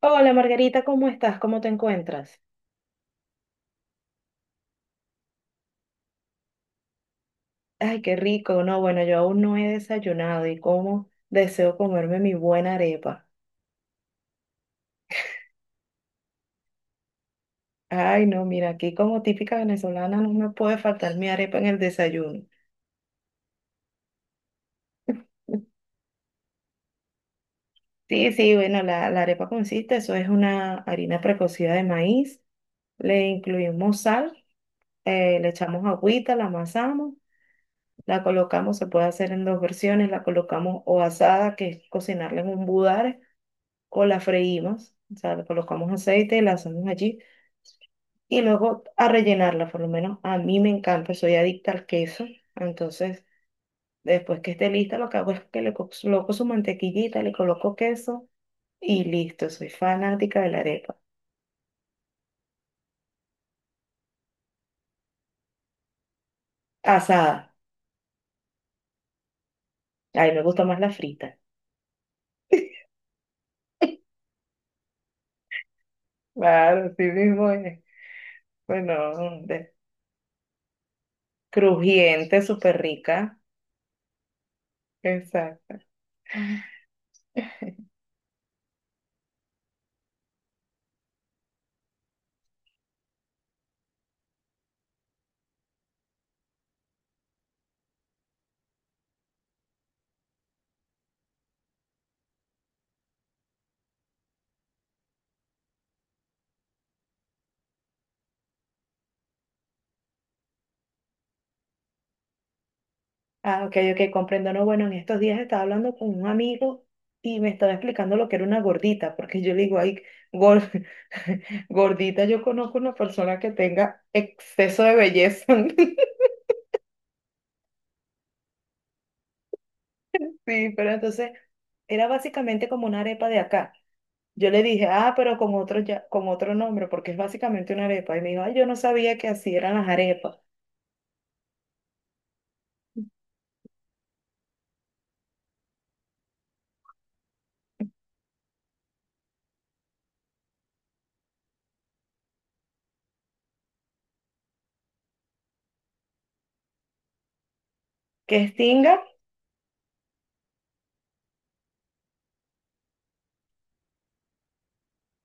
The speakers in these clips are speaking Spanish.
Hola Margarita, ¿cómo estás? ¿Cómo te encuentras? Ay, qué rico. No, bueno, yo aún no he desayunado y cómo deseo comerme mi buena arepa. Ay, no, mira, aquí como típica venezolana no me puede faltar mi arepa en el desayuno. Sí, sí, bueno, la arepa consiste, eso es una harina precocida de maíz, le incluimos sal, le echamos agüita, la amasamos, la colocamos, se puede hacer en dos versiones, la colocamos o asada, que es cocinarla en un budare o la freímos, o sea, le colocamos aceite, la hacemos allí y luego a rellenarla, por lo menos a mí me encanta, soy adicta al queso, entonces después que esté lista lo que hago es que le coloco su mantequillita, le coloco queso y listo, soy fanática de la arepa. Asada, ay, me gusta más la frita. Claro, sí mismo es. Bueno, de- crujiente, súper rica. Exacto. Ah, ok, ok, comprendo. No, bueno, en estos días estaba hablando con un amigo y me estaba explicando lo que era una gordita, porque yo le digo, ay, gor- gordita, yo conozco una persona que tenga exceso de belleza. Sí, pero entonces era básicamente como una arepa de acá. Yo le dije, ah, pero con otro, ya, con otro nombre, porque es básicamente una arepa. Y me dijo, ay, yo no sabía que así eran las arepas. ¿Qué es tinga?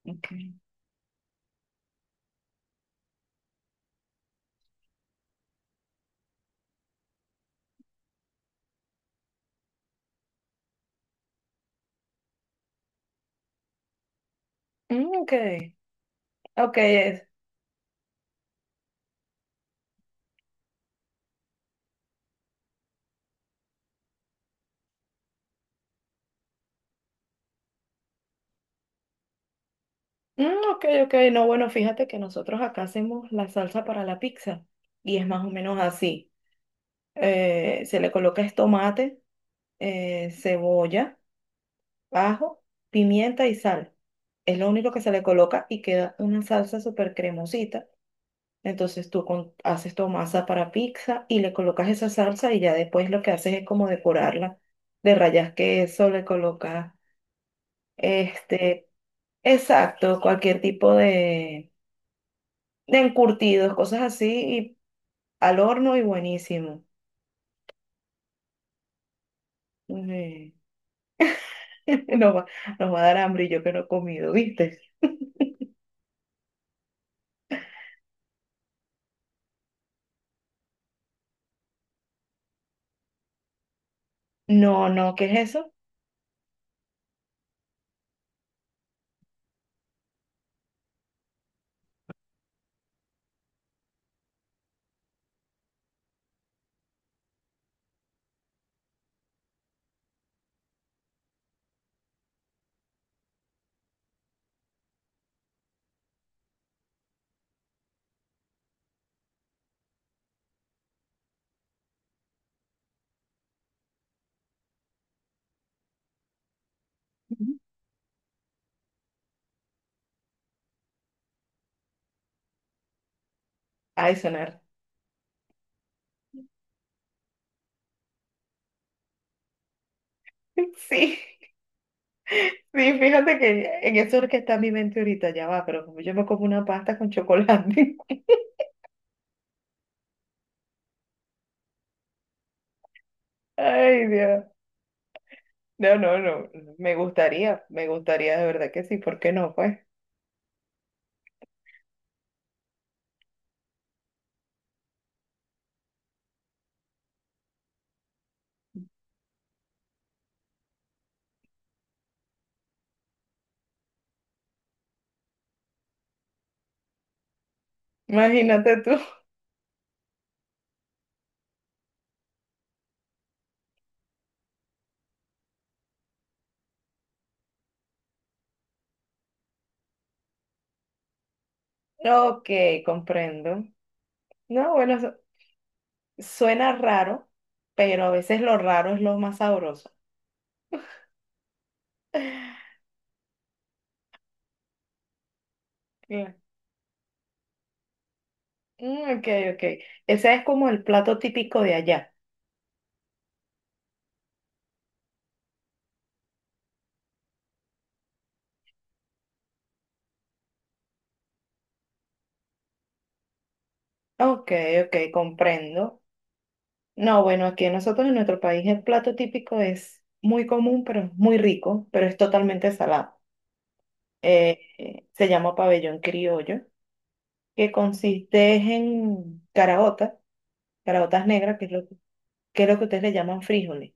Ok. Mm, ok, ok, Mm, ok, ok, no, bueno, fíjate que nosotros acá hacemos la salsa para la pizza y es más o menos así. Se le coloca es tomate, cebolla, ajo, pimienta y sal. Es lo único que se le coloca y queda una salsa súper cremosita. Entonces tú haces tu masa para pizza y le colocas esa salsa y ya después lo que haces es como decorarla. De rayas queso, le colocas este, exacto, cualquier tipo de encurtidos, cosas así, y al horno y buenísimo. Ujú. Nos va, nos va a dar hambre y yo que no he comido, ¿viste? No, no, ¿qué es eso? Ujú. Ay, sonar. Sí, sí, fíjate que en eso es que está mi mente ahorita, ya va, pero como yo me como una pasta con chocolate. Ay, Dios. No, no, no, me gustaría de verdad que sí, ¿por qué no? Pues, imagínate tú. Ok, comprendo. No, bueno, suena raro, pero a veces lo raro es lo más sabroso. Claro. Mm, ok, ok. Ese es como el plato típico de allá. Ok, ok, comprendo. No, bueno, aquí nosotros en nuestro país el plato típico es muy común, pero es muy rico, pero es totalmente salado. Se llama pabellón criollo, que consiste en caraotas, caraotas negras, que es lo que ustedes le llaman frijoles.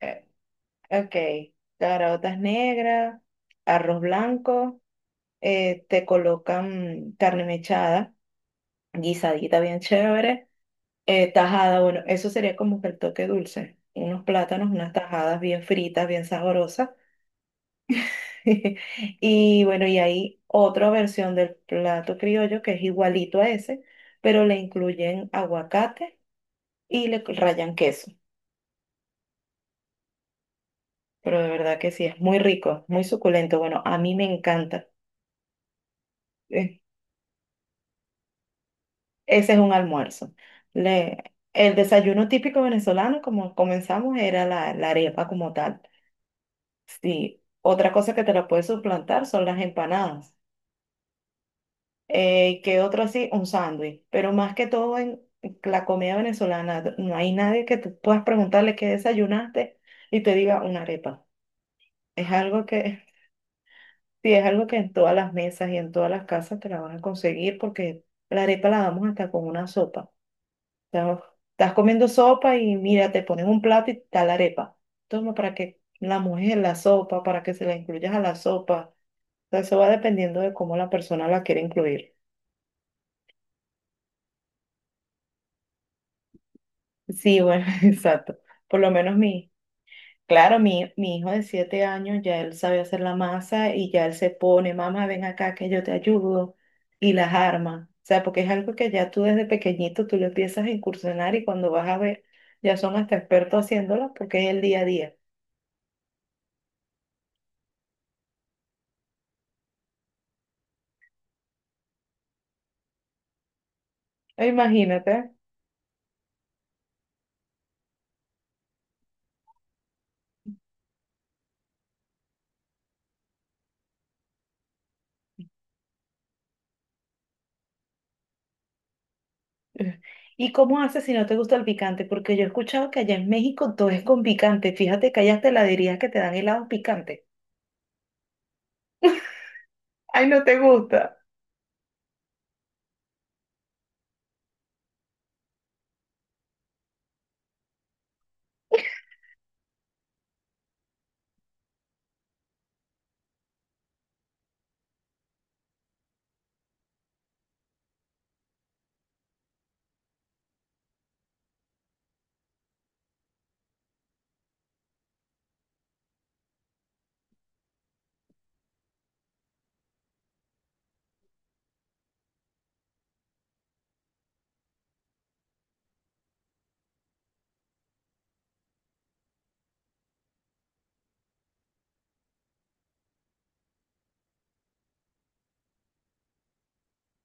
Eh, Ok, caraotas negras, arroz blanco, te colocan carne mechada, guisadita bien chévere, tajada, bueno, eso sería como que el toque dulce, unos plátanos, unas tajadas bien fritas, bien sabrosas. Y bueno, y hay otra versión del plato criollo que es igualito a ese, pero le incluyen aguacate y le rayan queso. Pero de verdad que sí, es muy rico, muy suculento. Bueno, a mí me encanta. Ese es un almuerzo. Le- el desayuno típico venezolano, como comenzamos, era la arepa como tal. Sí. Otra cosa que te la puedes suplantar son las empanadas. ¿Qué otro así? Un sándwich. Pero más que todo en la comida venezolana, no hay nadie que tú puedas preguntarle qué desayunaste y te diga una arepa. Es algo que, sí, es algo que en todas las mesas y en todas las casas te la van a conseguir porque la arepa la damos hasta con una sopa. Sea, estás comiendo sopa y mira, te ponen un plato y está la arepa. Toma para que la mojes en la sopa, para que se la incluyas a la sopa. O sea, eso va dependiendo de cómo la persona la quiere incluir. Sí, bueno, exacto. Por lo menos mi, claro, mi hijo de 7 años ya él sabe hacer la masa y ya él se pone, mamá, ven acá que yo te ayudo y las arma. O sea, porque es algo que ya tú desde pequeñito tú lo empiezas a incursionar y cuando vas a ver, ya son hasta expertos haciéndolo porque es el día a día. Imagínate. ¿Y cómo haces si no te gusta el picante? Porque yo he escuchado que allá en México todo es con picante. Fíjate que hay hasta heladerías que te dan helados picantes. Ay, no te gusta.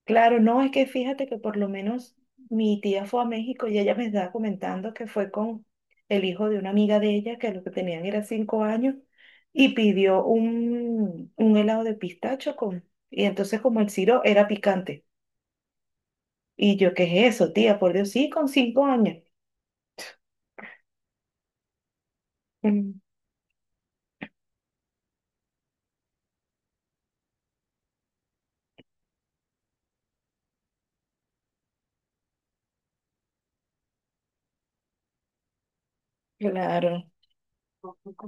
Claro, no, es que fíjate que por lo menos mi tía fue a México y ella me estaba comentando que fue con el hijo de una amiga de ella, que lo que tenían era 5 años, y pidió un helado de pistacho con, y entonces como el siro era picante. Y yo, ¿qué es eso, tía? Por Dios, sí, con 5 años. Mm, claro.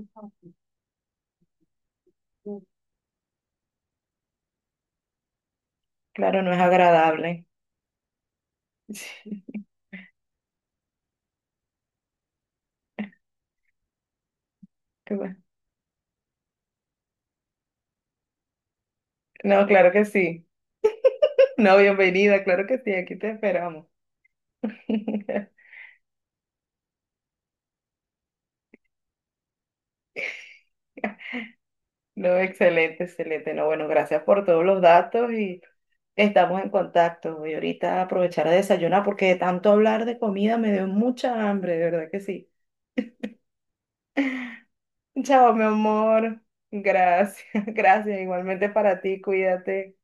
Claro, no es agradable. Qué bueno. No, claro que sí. No, bienvenida, claro que sí, aquí te esperamos. No, excelente, excelente. No, bueno, gracias por todos los datos y estamos en contacto. Voy ahorita a aprovechar a desayunar porque de tanto hablar de comida me dio mucha hambre, de verdad que sí. Chao, mi amor. Gracias, gracias. Igualmente para ti, cuídate.